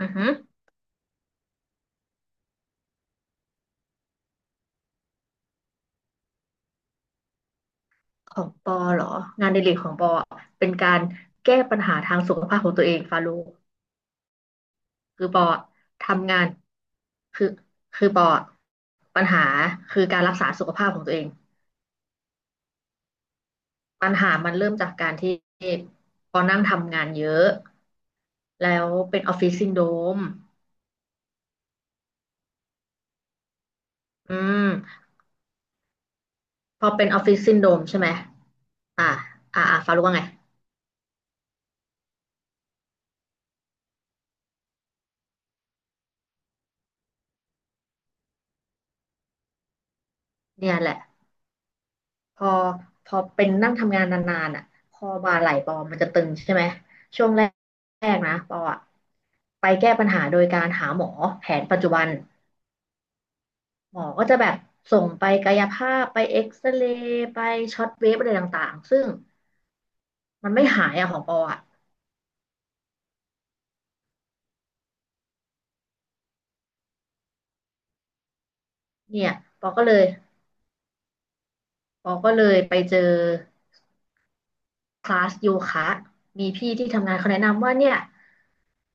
อือฮึของปอเหรอ งานอดิเรกของปออะเป็นการแก้ปัญหาทางสุขภาพของตัวเองฟาโลคือปออะทำงานคือคือปออะปัญหาคือการรักษาสุขภาพของตัวเอง ปัญหามันเริ่มจากการที่ปอนั่งทำงานเยอะ แล้วเป็นออฟฟิศซินโดรมอืม พอเป็นออฟฟิศซินโดรมใช่ไหม อ่าฟาโลว่าไงเนี่ยแหละ พอพอเป็นนั่งทำงานนานๆอ่ะคอบ่าไหล่ปอมันจะตึงใช่ไหมช่วงแรกๆนะปออ่ะไปแก้ปัญหาโดยการหาหมอแผนปัจจุบันหมอก็จะแบบส่งไปกายภาพไปเอ็กซเรย์ไปช็อตเวฟอะไรต่างๆซึ่งมันไม่หายอะของปออ่ะเนี่ยปอก็เลยไปเจอคลาสโยคะมีพี่ที่ทำงานเขาแนะนำว่าเนี่ย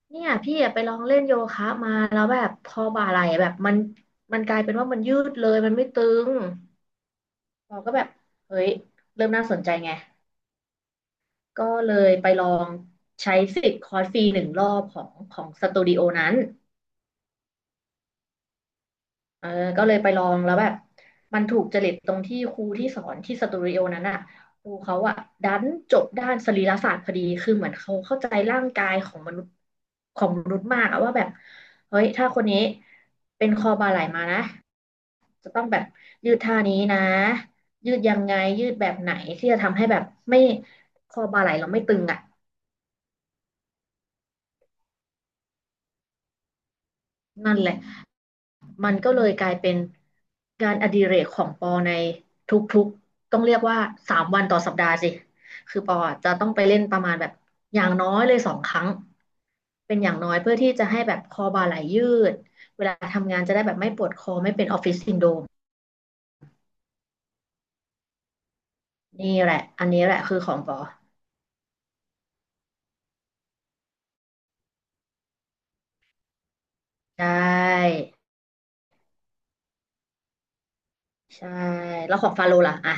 เนี่ยพี่อะไปลองเล่นโยคะมาแล้วแบบพอบ่าไหล่แบบมันมันกลายเป็นว่ามันยืดเลยมันไม่ตึงเราก็แบบเฮ้ยเริ่มน่าสนใจไงก็เลยไปลองใช้สิทธิ์คอร์สฟรีหนึ่งรอบของสตูดิโอนั้น เออก็เลยไปลองแล้วแบบมันถูกจริตตรงที่ครูที่สอนที่สตูดิโอนั้นอ่ะครูเขาอ่ะดันจบด้านสรีรศาสตร์พอดีคือเหมือนเขาเข้าใจร่างกายของมนุษย์มากอะว่าแบบเฮ้ยถ้าคนนี้เป็นคอบ่าไหล่มานะจะต้องแบบยืดท่านี้นะยืดยังไงยืดแบบไหนที่จะทำให้แบบไม่คอบ่าไหล่เราไม่ตึงอ่ะนั่นแหละ มันก็เลยกลายเป็นงานอดิเรกของปอในทุกๆต้องเรียกว่าสามวันต่อสัปดาห์สิคือปออจะต้องไปเล่นประมาณแบบอย่างน้อยเลยสองครั้งเป็นอย่างน้อยเพื่อที่จะให้แบบคอบ่าไหลยืดเวลาทำงานจะได้แบบไม่ปวดคอไม่เป็นออฟฟิศซินโดรมนี่แหละอันนี้แหละคือของปอใช่ใช่แล้วของฟาโลล่ะอ่ะ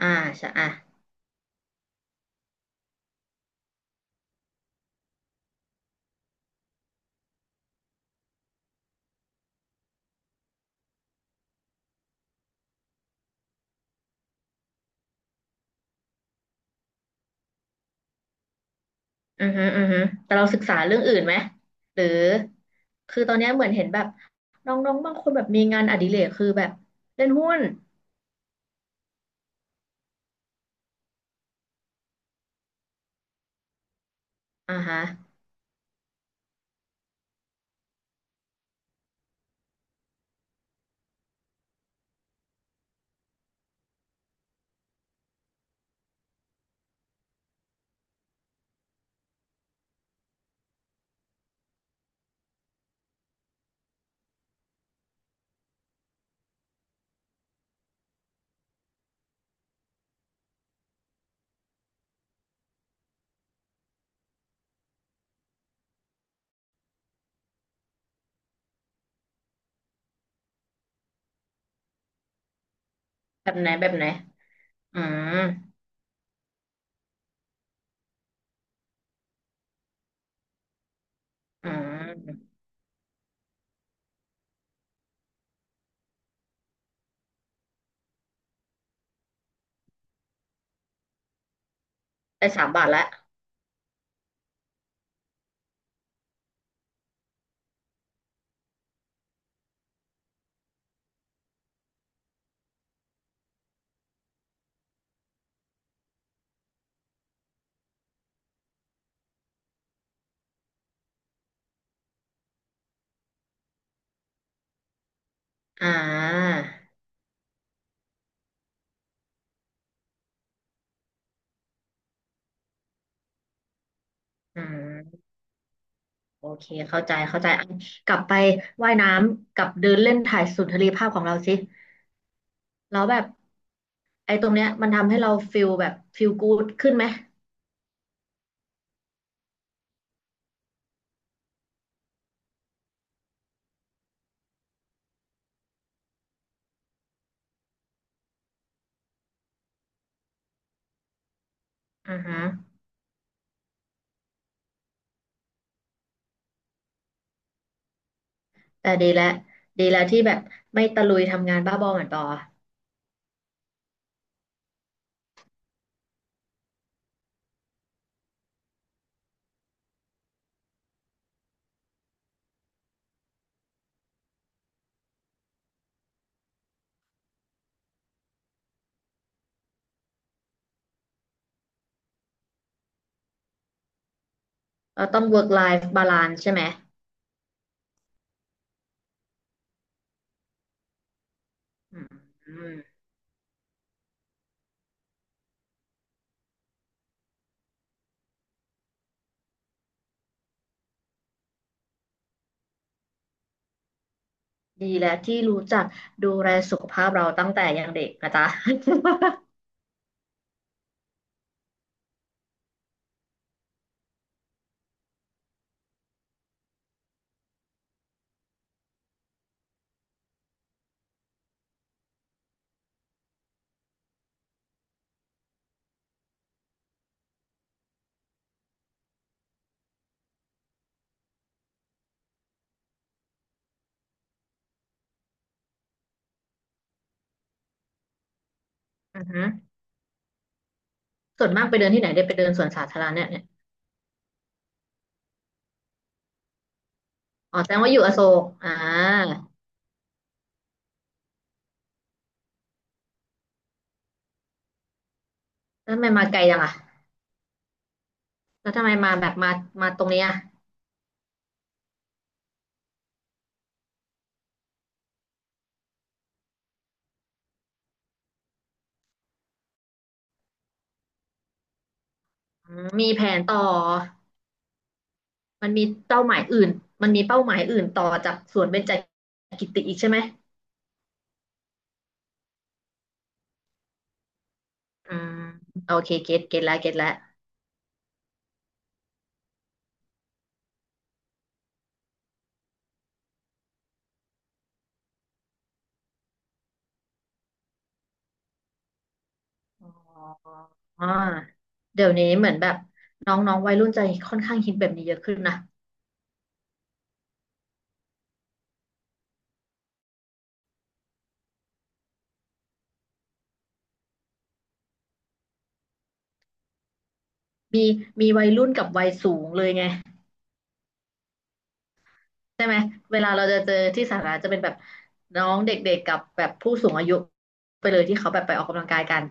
อ่าใช่อ่ะ อือฮึอือฮึแต่เราศึกษาเรื่องอื่นไหมหรือคือตอนเนี้ยเหมือนเห็นแบบน้องๆบางคนแบบมีงานอดิเรกคือแบบเล่นหุ้นอ่าฮะแบบไหนแบบไหนอืมอืมได้สามบาทและอ่าอืมโอเคเข้าใจเข้าใจอ่ะกลับไปว่ายน้ำกับเดินเล่นถ่ายสุนทรีภาพของเราสิแล้วแบบไอ้ตรงเนี้ยมันทำให้เราฟิลแบบฟิลกู๊ดขึ้นไหมอือฮึ แต่ดีแล้วดีแล้วที่แบบไม่ตะลุยทำงานบ้าบอเหมือนปอเราต้อง work life balance ใช่ไหมอืมอืมดีแล้วที่รู้จักดูแลสุขภาพเราตั้งแต่ยังเด็กนะจ๊ะ อือฮึส่วนมากไปเดินที่ไหนได้ไปเดินสวนสาธารณะเนี่ยนี่อ๋อแสดงว่าอยู่อโศกอ่าแล้วทำไมมาไกลจังอ่ะแล้วทำไมมาแบบมามาตรงเนี้ยอืมมีแผนต่อมันมีเป้าหมายอื่นมันมีเป้าหมายอื่นต่อจากสวนเบญจกิติอีกใช่ไหมอืมโอเคเก็ตเก็ตแล้วเก็ตแล้ว อ๋อเดี๋ยวนี้เหมือนแบบน้องๆวัยรุ่นจะค่อนข้างฮิตแบบนี้เยอะขึ้นนะมีมีวัยรุ่นกับวัยสูงเลยไงใช่ไหมเวลาเราจะเจอที่สาธารณะจะเป็นแบบน้องเด็กๆกับแบบผู้สูงอายุไปเลยที่เขาแบบไปออกกำลังกายกัน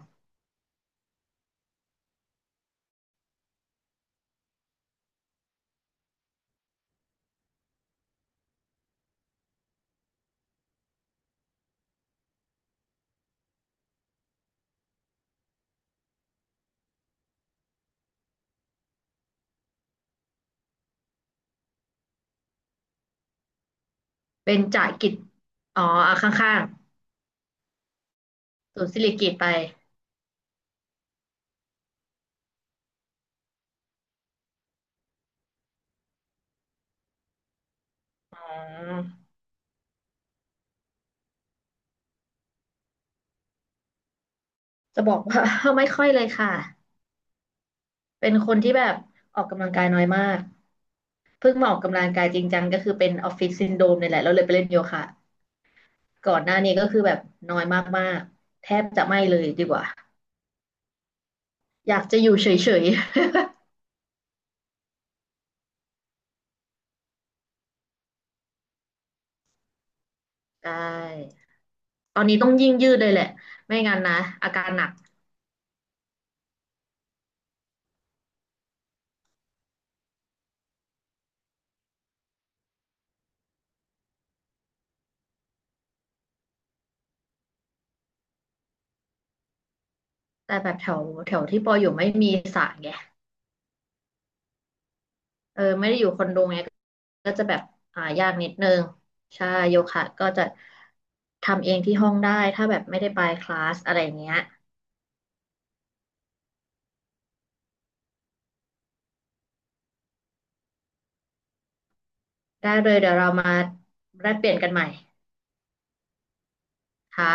เป็นจะกิจอ๋ออ่ะข้างๆศูนย์สิริกิติ์ไปอ๋อจะบอกว่า ไม่ค่อยเลยค่ะเป็นคนที่แบบออกกำลังกายน้อยมากเพิ่งมาออกกำลังกายจริงจังก็คือเป็นออฟฟิศซินโดรมเนี่ยแหละเราเลยไปเล่นโยคะ ก่อนหน้านี้ก็คือแบบน้อยมากๆแทบจะไม่เลยดีกว่าอยากจะอยู่เฉยๆ ได้ตอนนี้ต้องยิ่งยืดเลยแหละไม่งั้นนะอาการหนักแต่แบบแถวแถวที่ปออยู่ไม่มีสระไงเออไม่ได้อยู่คอนโดไงก็จะแบบอ่ายากนิดนึงใช่โยคะก็จะทำเองที่ห้องได้ถ้าแบบไม่ได้ไปคลาสอะไรอย่างเงี้ยได้เลยเดี๋ยวเรามาแลกเปลี่ยนกันใหม่ค่ะ